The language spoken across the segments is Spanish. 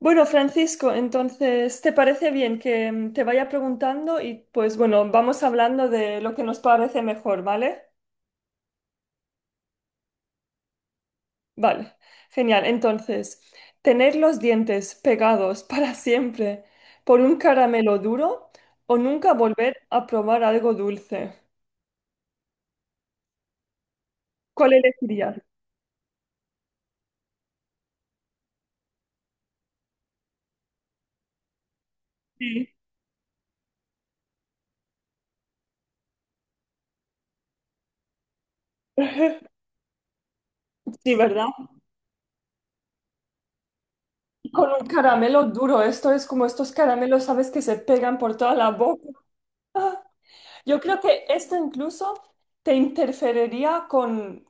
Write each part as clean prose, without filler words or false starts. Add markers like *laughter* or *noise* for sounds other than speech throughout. Bueno, Francisco, entonces, ¿te parece bien que te vaya preguntando y pues bueno, vamos hablando de lo que nos parece mejor, ¿vale? Vale, genial. Entonces, ¿tener los dientes pegados *laughs* para siempre por un caramelo duro o nunca volver a probar algo dulce? ¿Cuál elegirías? Sí. Sí, ¿verdad? Con un caramelo duro, esto es como estos caramelos, ¿sabes? Que se pegan por toda la boca. *laughs* Ah, yo creo que esto incluso te interferiría con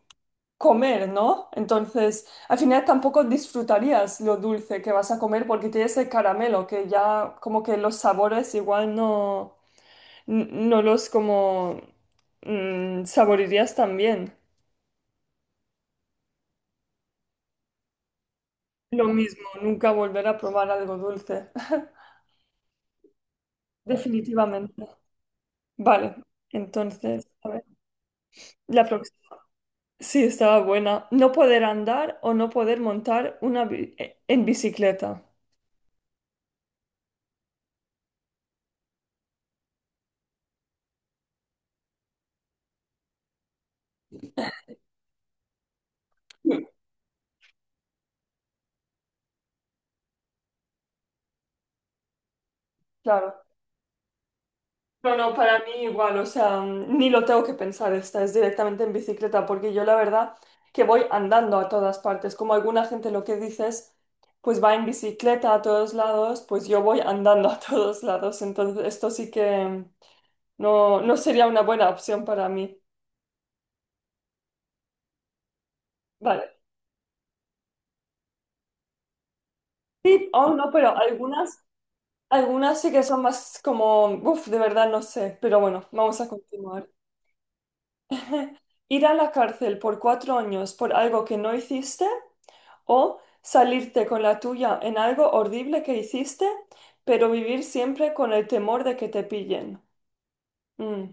comer, ¿no? Entonces, al final tampoco disfrutarías lo dulce que vas a comer porque tienes el caramelo, que ya como que los sabores igual no, no los como saborirías tan bien. Lo mismo, nunca volver a probar algo dulce, *laughs* definitivamente. Vale, entonces, a ver, la próxima. Sí, estaba buena. No poder andar o no poder montar una en bicicleta. Sí. Claro. No, no, para mí igual, o sea, ni lo tengo que pensar, esta es directamente en bicicleta, porque yo la verdad que voy andando a todas partes, como alguna gente lo que dices, pues va en bicicleta a todos lados, pues yo voy andando a *laughs* todos lados, entonces esto sí que. No, no sería una buena opción para mí. Vale. Sí, oh no, pero algunas, algunas sí que son más como, uff, de verdad no sé, pero bueno, vamos a continuar. Ir a la cárcel por cuatro años por algo que no hiciste. O salirte con la tuya en algo horrible que hiciste, pero vivir siempre con el temor de que te pillen. Mm.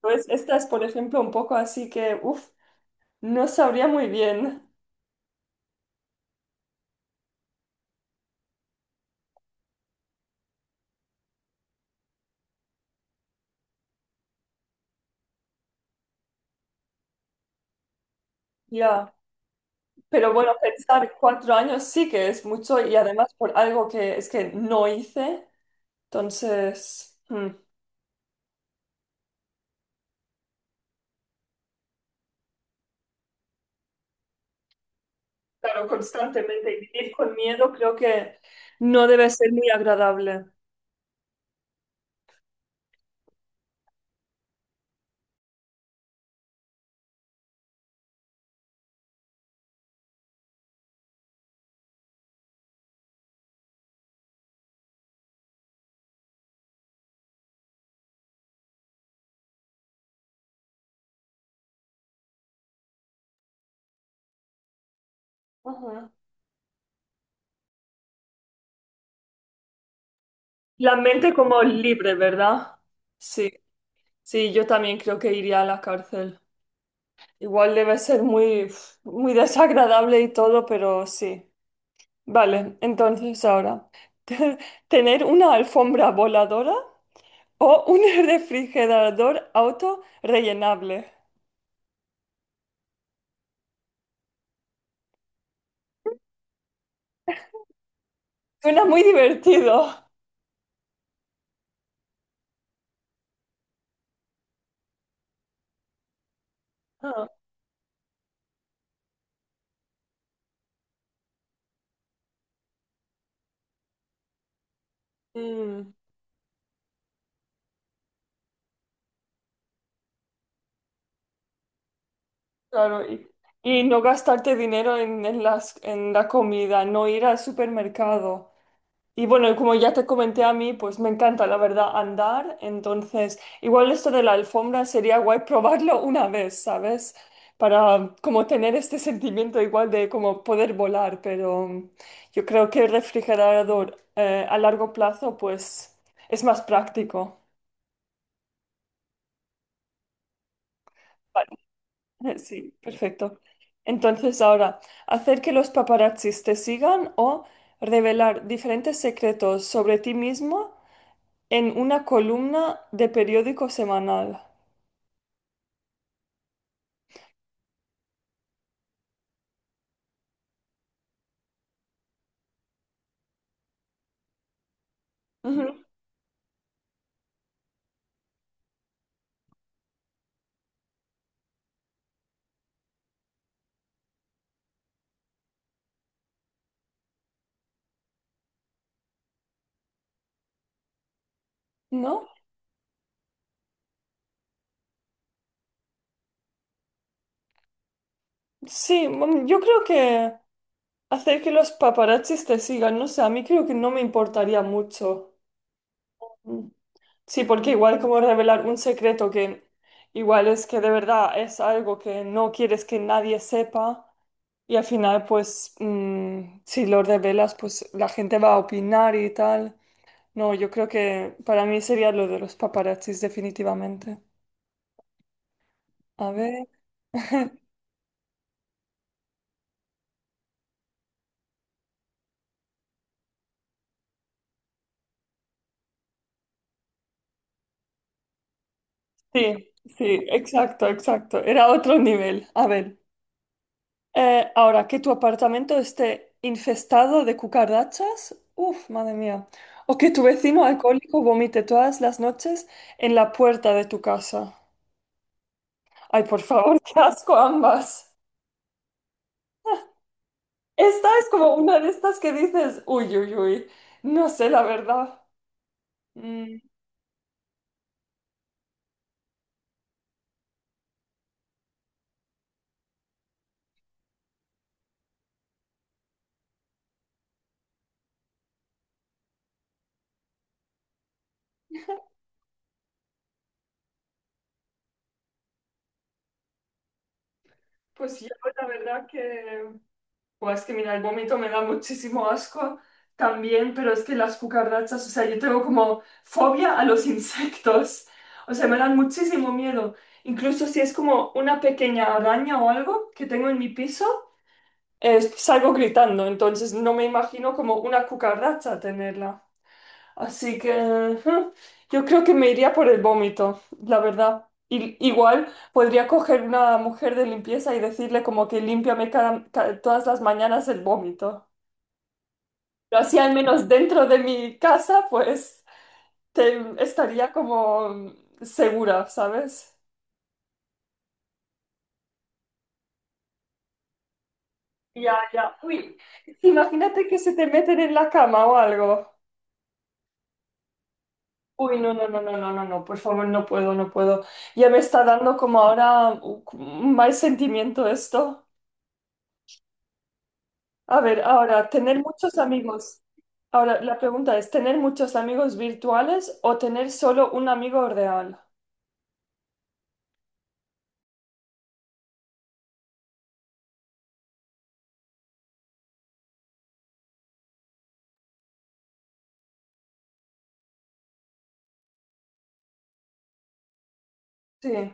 Pues esta es, por ejemplo, un poco así que, uff, no sabría muy bien. Ya. Pero bueno, pensar cuatro años sí que es mucho y además por algo que es que no hice. Entonces, claro, constantemente y vivir con miedo creo que no debe ser muy agradable. Ujú. La mente como libre, ¿verdad? Sí, sí, yo también creo que iría a la cárcel. Igual debe ser muy, uf, muy desagradable y todo, pero sí. Vale, entonces ahora, *laughs* ¿tener una alfombra voladora o un *laughs* refrigerador auto rellenable? Suena muy divertido. Ah, mm, claro, y no gastarte dinero en las, en la comida, no ir al supermercado. Y bueno, como ya te comenté a mí, pues me encanta, la verdad, andar. Entonces, igual esto de la alfombra sería guay probarlo una vez, ¿sabes? Para como tener este sentimiento igual de como poder volar, pero yo creo que el refrigerador a largo plazo, pues es más práctico. Vale, *laughs* sí, perfecto. Entonces, ahora, hacer que los paparazzis te sigan o revelar diferentes secretos sobre ti mismo en una columna de periódico semanal. Ujú. ¿No? Sí, yo creo que hacer que los paparazzis te sigan, no sé, a mí creo que no me importaría mucho. Mm. Sí, porque igual como revelar un secreto que igual es que de verdad es algo que no quieres que nadie sepa y al final pues si lo revelas pues la gente va a opinar y tal. No, yo creo que para mí sería lo de los paparazzis definitivamente. A ver. Sí, sí, exacto, exacto. Era otro nivel. A ver, ahora que tu apartamento esté infestado de cucarachas, uff, madre mía. O que tu vecino alcohólico vomite todas las noches en la puerta de tu casa. Ay, por favor, *laughs* qué asco ambas. Esta es como una de estas que dices, uy, uy, uy. No sé, la verdad. Mm, pues yo, la verdad que... Pues es que mira, el vómito me da muchísimo asco también, pero es que las cucarachas, o sea, yo tengo como fobia a los *laughs* insectos, o sea, me dan muchísimo miedo. Incluso si es como una pequeña araña o algo que tengo en mi piso, salgo gritando, entonces no me imagino como una cucaracha tenerla. Así que *laughs* ujú, yo creo que me iría por el vómito, la verdad. Y, igual podría coger una mujer de limpieza y decirle como que límpiame todas las mañanas el vómito. Pero así al menos dentro de mi casa, pues estaría como segura, ¿sabes? Ya, ya. Uy, imagínate que se te meten en la cama o algo. Uy, no, no, no, no, no, no, no, por favor, no puedo, no puedo. Ya me está dando como ahora un mal sentimiento esto. A ver, ahora, tener muchos amigos. Ahora, la pregunta es, ¿tener muchos amigos virtuales o tener solo un amigo real? Sí.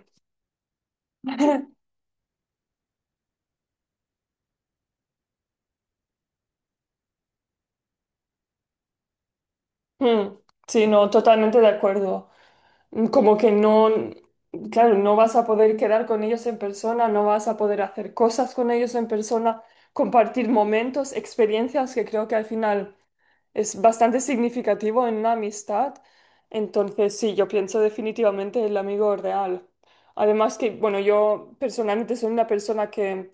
*laughs* Mm, sí, no, totalmente de acuerdo. Mm, como que no, claro, no vas a poder quedar con ellos en persona, no vas a poder hacer cosas con ellos en persona, compartir momentos, experiencias que creo que al final... Es bastante significativo en una amistad. Entonces, sí, yo pienso definitivamente el amigo real. Además que, bueno, yo personalmente soy una persona que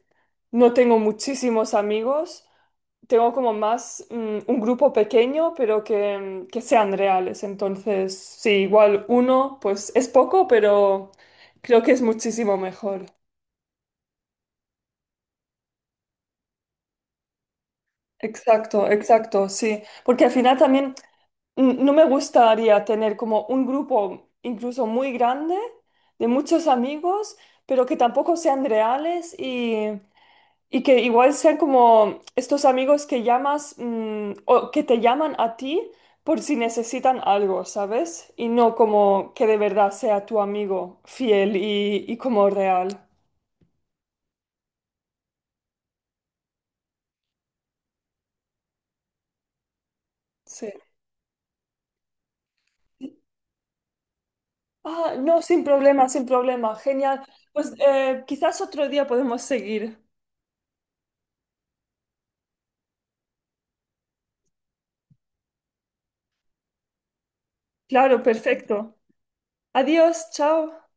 no tengo muchísimos amigos. Tengo como más un grupo pequeño, pero que, que sean reales. Entonces, sí, igual uno, pues es poco, pero creo que es muchísimo mejor. Exacto, exacto, sí. Porque al final también no me gustaría tener como un grupo incluso muy grande de muchos amigos, pero que tampoco sean reales y que igual sean como estos amigos que llamas o que te llaman a ti por si necesitan algo, ¿sabes? Y no como que de verdad sea tu amigo fiel y como real. Sí. Ah, no, sin problema, sin problema. Genial. Pues quizás otro día podemos seguir. Claro, perfecto. Adiós, chao.